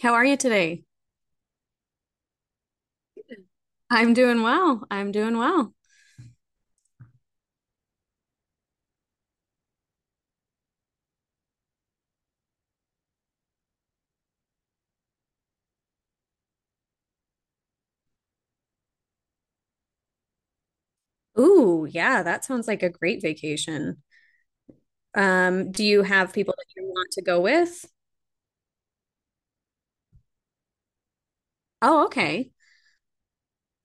How are you today? I'm doing well. I'm doing well. Ooh, yeah, that sounds like a great vacation. Do you have people that you want to go with? Oh, okay.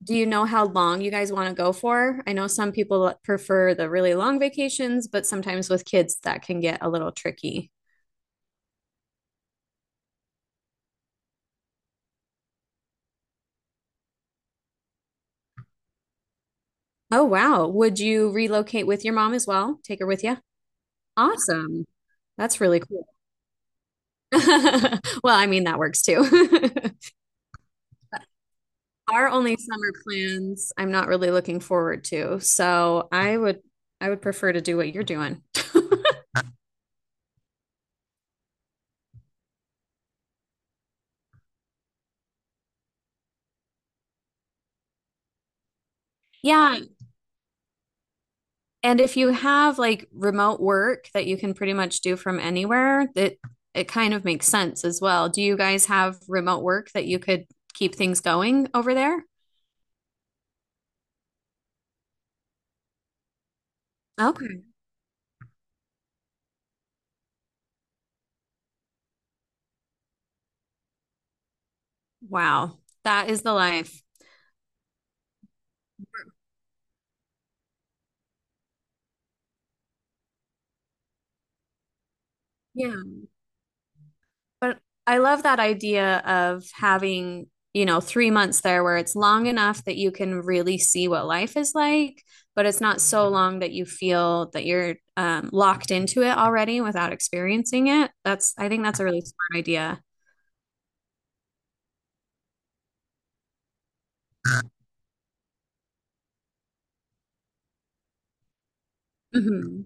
Do you know how long you guys want to go for? I know some people prefer the really long vacations, but sometimes with kids that can get a little tricky. Oh, wow. Would you relocate with your mom as well? Take her with you? Awesome. That's really cool. Well, I mean, that works too. Our only summer plans, I'm not really looking forward to. So I would prefer to do what you're doing. Yeah, and if you have like remote work that you can pretty much do from anywhere, it kind of makes sense as well. Do you guys have remote work that you could keep things going over there? Okay. Wow. That is the life. Yeah. But I love that idea of having, you know, 3 months there where it's long enough that you can really see what life is like, but it's not so long that you feel that you're locked into it already without experiencing it. I think that's a really smart idea. Hmm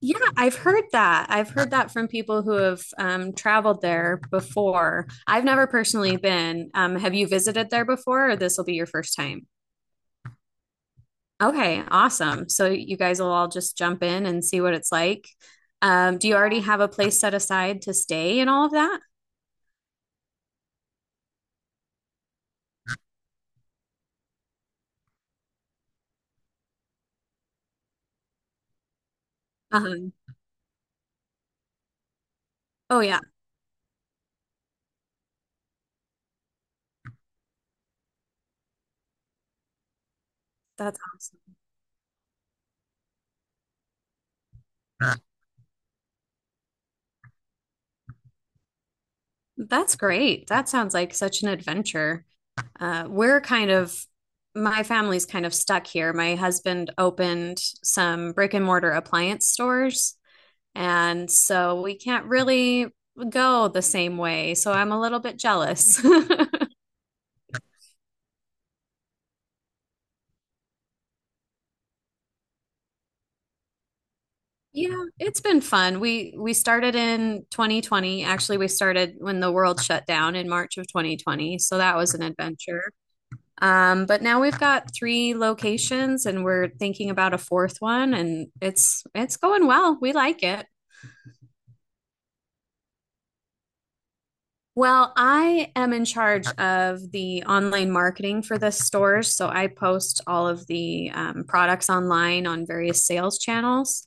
Yeah, I've heard that. I've heard that from people who have traveled there before. I've never personally been. Have you visited there before, or this will be your first time? Okay, awesome. So you guys will all just jump in and see what it's like. Do you already have a place set aside to stay and all of that? Uh-huh. Oh yeah, that's awesome. That's great. That sounds like such an adventure. We're kind of, my family's kind of stuck here. My husband opened some brick and mortar appliance stores, and so we can't really go the same way. So I'm a little bit jealous. Yeah, it's been fun. We started in 2020. Actually, we started when the world shut down in March of 2020, so that was an adventure. But now we've got three locations and we're thinking about a fourth one and it's going well. We like it. Well, I am in charge of the online marketing for the stores, so I post all of the products online on various sales channels.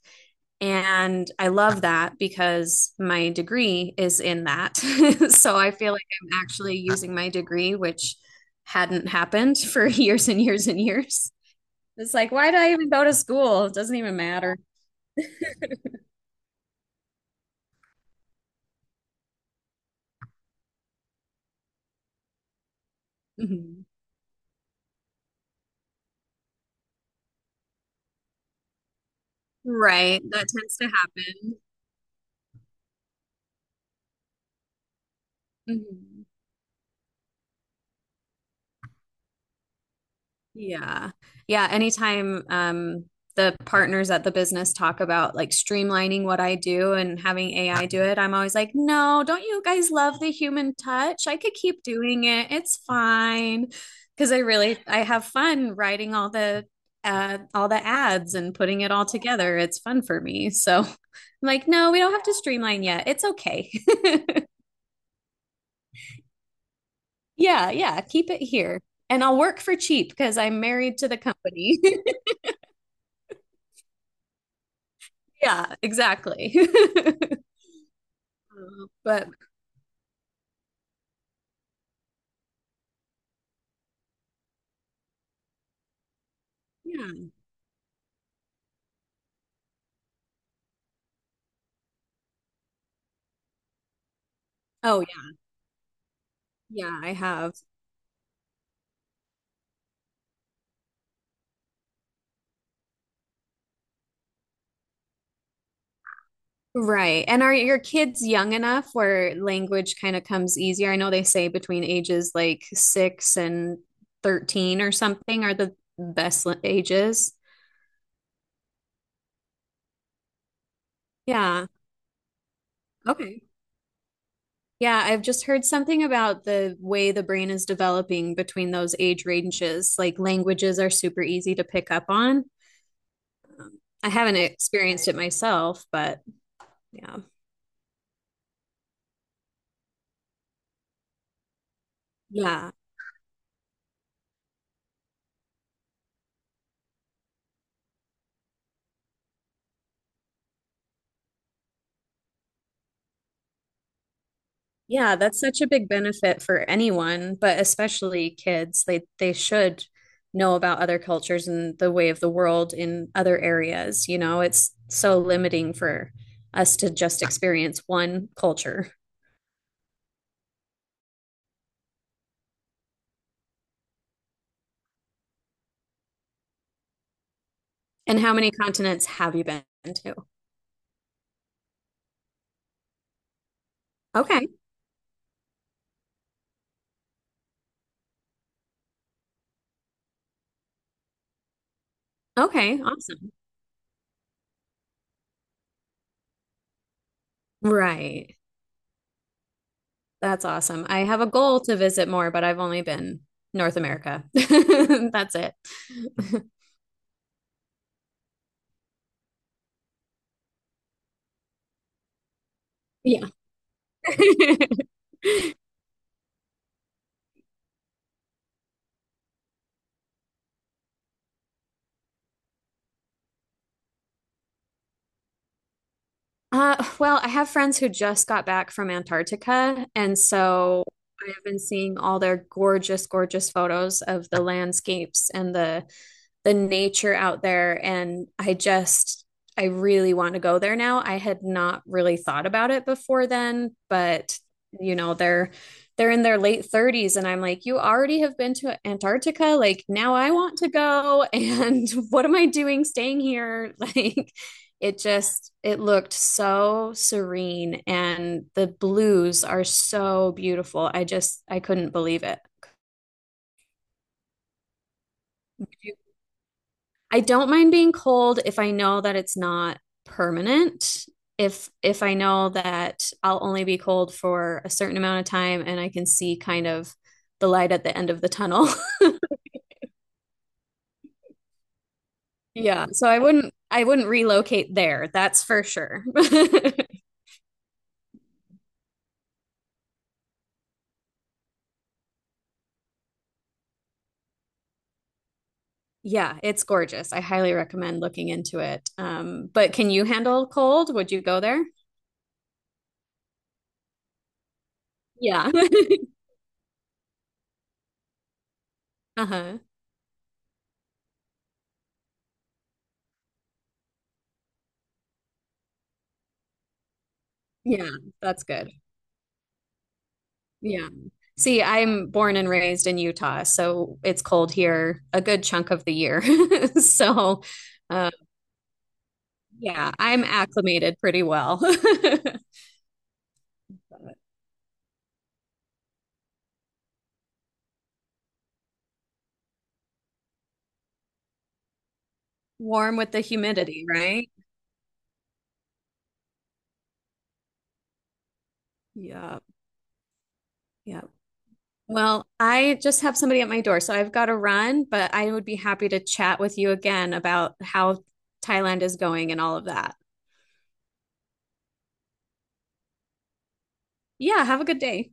And I love that because my degree is in that. So I feel like I'm actually using my degree, which hadn't happened for years and years and years. It's like, why did I even go to school? It doesn't even matter. Mhm. Right. That tends to happen. Mhm. Yeah. Yeah. Anytime the partners at the business talk about like streamlining what I do and having AI do it, I'm always like, no, don't you guys love the human touch? I could keep doing it. It's fine. Because I really I have fun writing all the ads and putting it all together. It's fun for me. So I'm like, no, we don't have to streamline yet. It's okay. Yeah, yeah, keep it here. And I'll work for cheap because I'm married to the company. Yeah, exactly. But yeah. Oh yeah. Yeah, I have. Right. And are your kids young enough where language kind of comes easier? I know they say between ages like six and 13 or something are the best ages. Yeah. Okay. Yeah, I've just heard something about the way the brain is developing between those age ranges. Like languages are super easy to pick up on. I haven't experienced it myself, but yeah. Yeah. Yeah, that's such a big benefit for anyone, but especially kids. They should know about other cultures and the way of the world in other areas. You know, it's so limiting for us to just experience one culture. And how many continents have you been to? Okay. Okay, awesome. Right. That's awesome. I have a goal to visit more, but I've only been North America. That's it. Yeah. Well, I have friends who just got back from Antarctica, and so I have been seeing all their gorgeous, gorgeous photos of the landscapes and the nature out there and I really want to go there now. I had not really thought about it before then, but you know, they're in their late 30s and I'm like, "You already have been to Antarctica, like now I want to go and what am I doing staying here?" Like it looked so serene and the blues are so beautiful. I couldn't believe it. I don't mind being cold if I know that it's not permanent. If I know that I'll only be cold for a certain amount of time and I can see kind of the light at the end of the tunnel. Yeah, so I wouldn't relocate there. That's for sure. Yeah, it's gorgeous. I highly recommend looking into it. But can you handle cold? Would you go there? Yeah. Uh-huh. Yeah, that's good. Yeah. See, I'm born and raised in Utah, so it's cold here a good chunk of the year. So, uh, yeah, I'm acclimated pretty well. Warm with the humidity, right? Yeah, yeah. Well, I just have somebody at my door, so I've got to run, but I would be happy to chat with you again about how Thailand is going and all of that. Yeah, have a good day.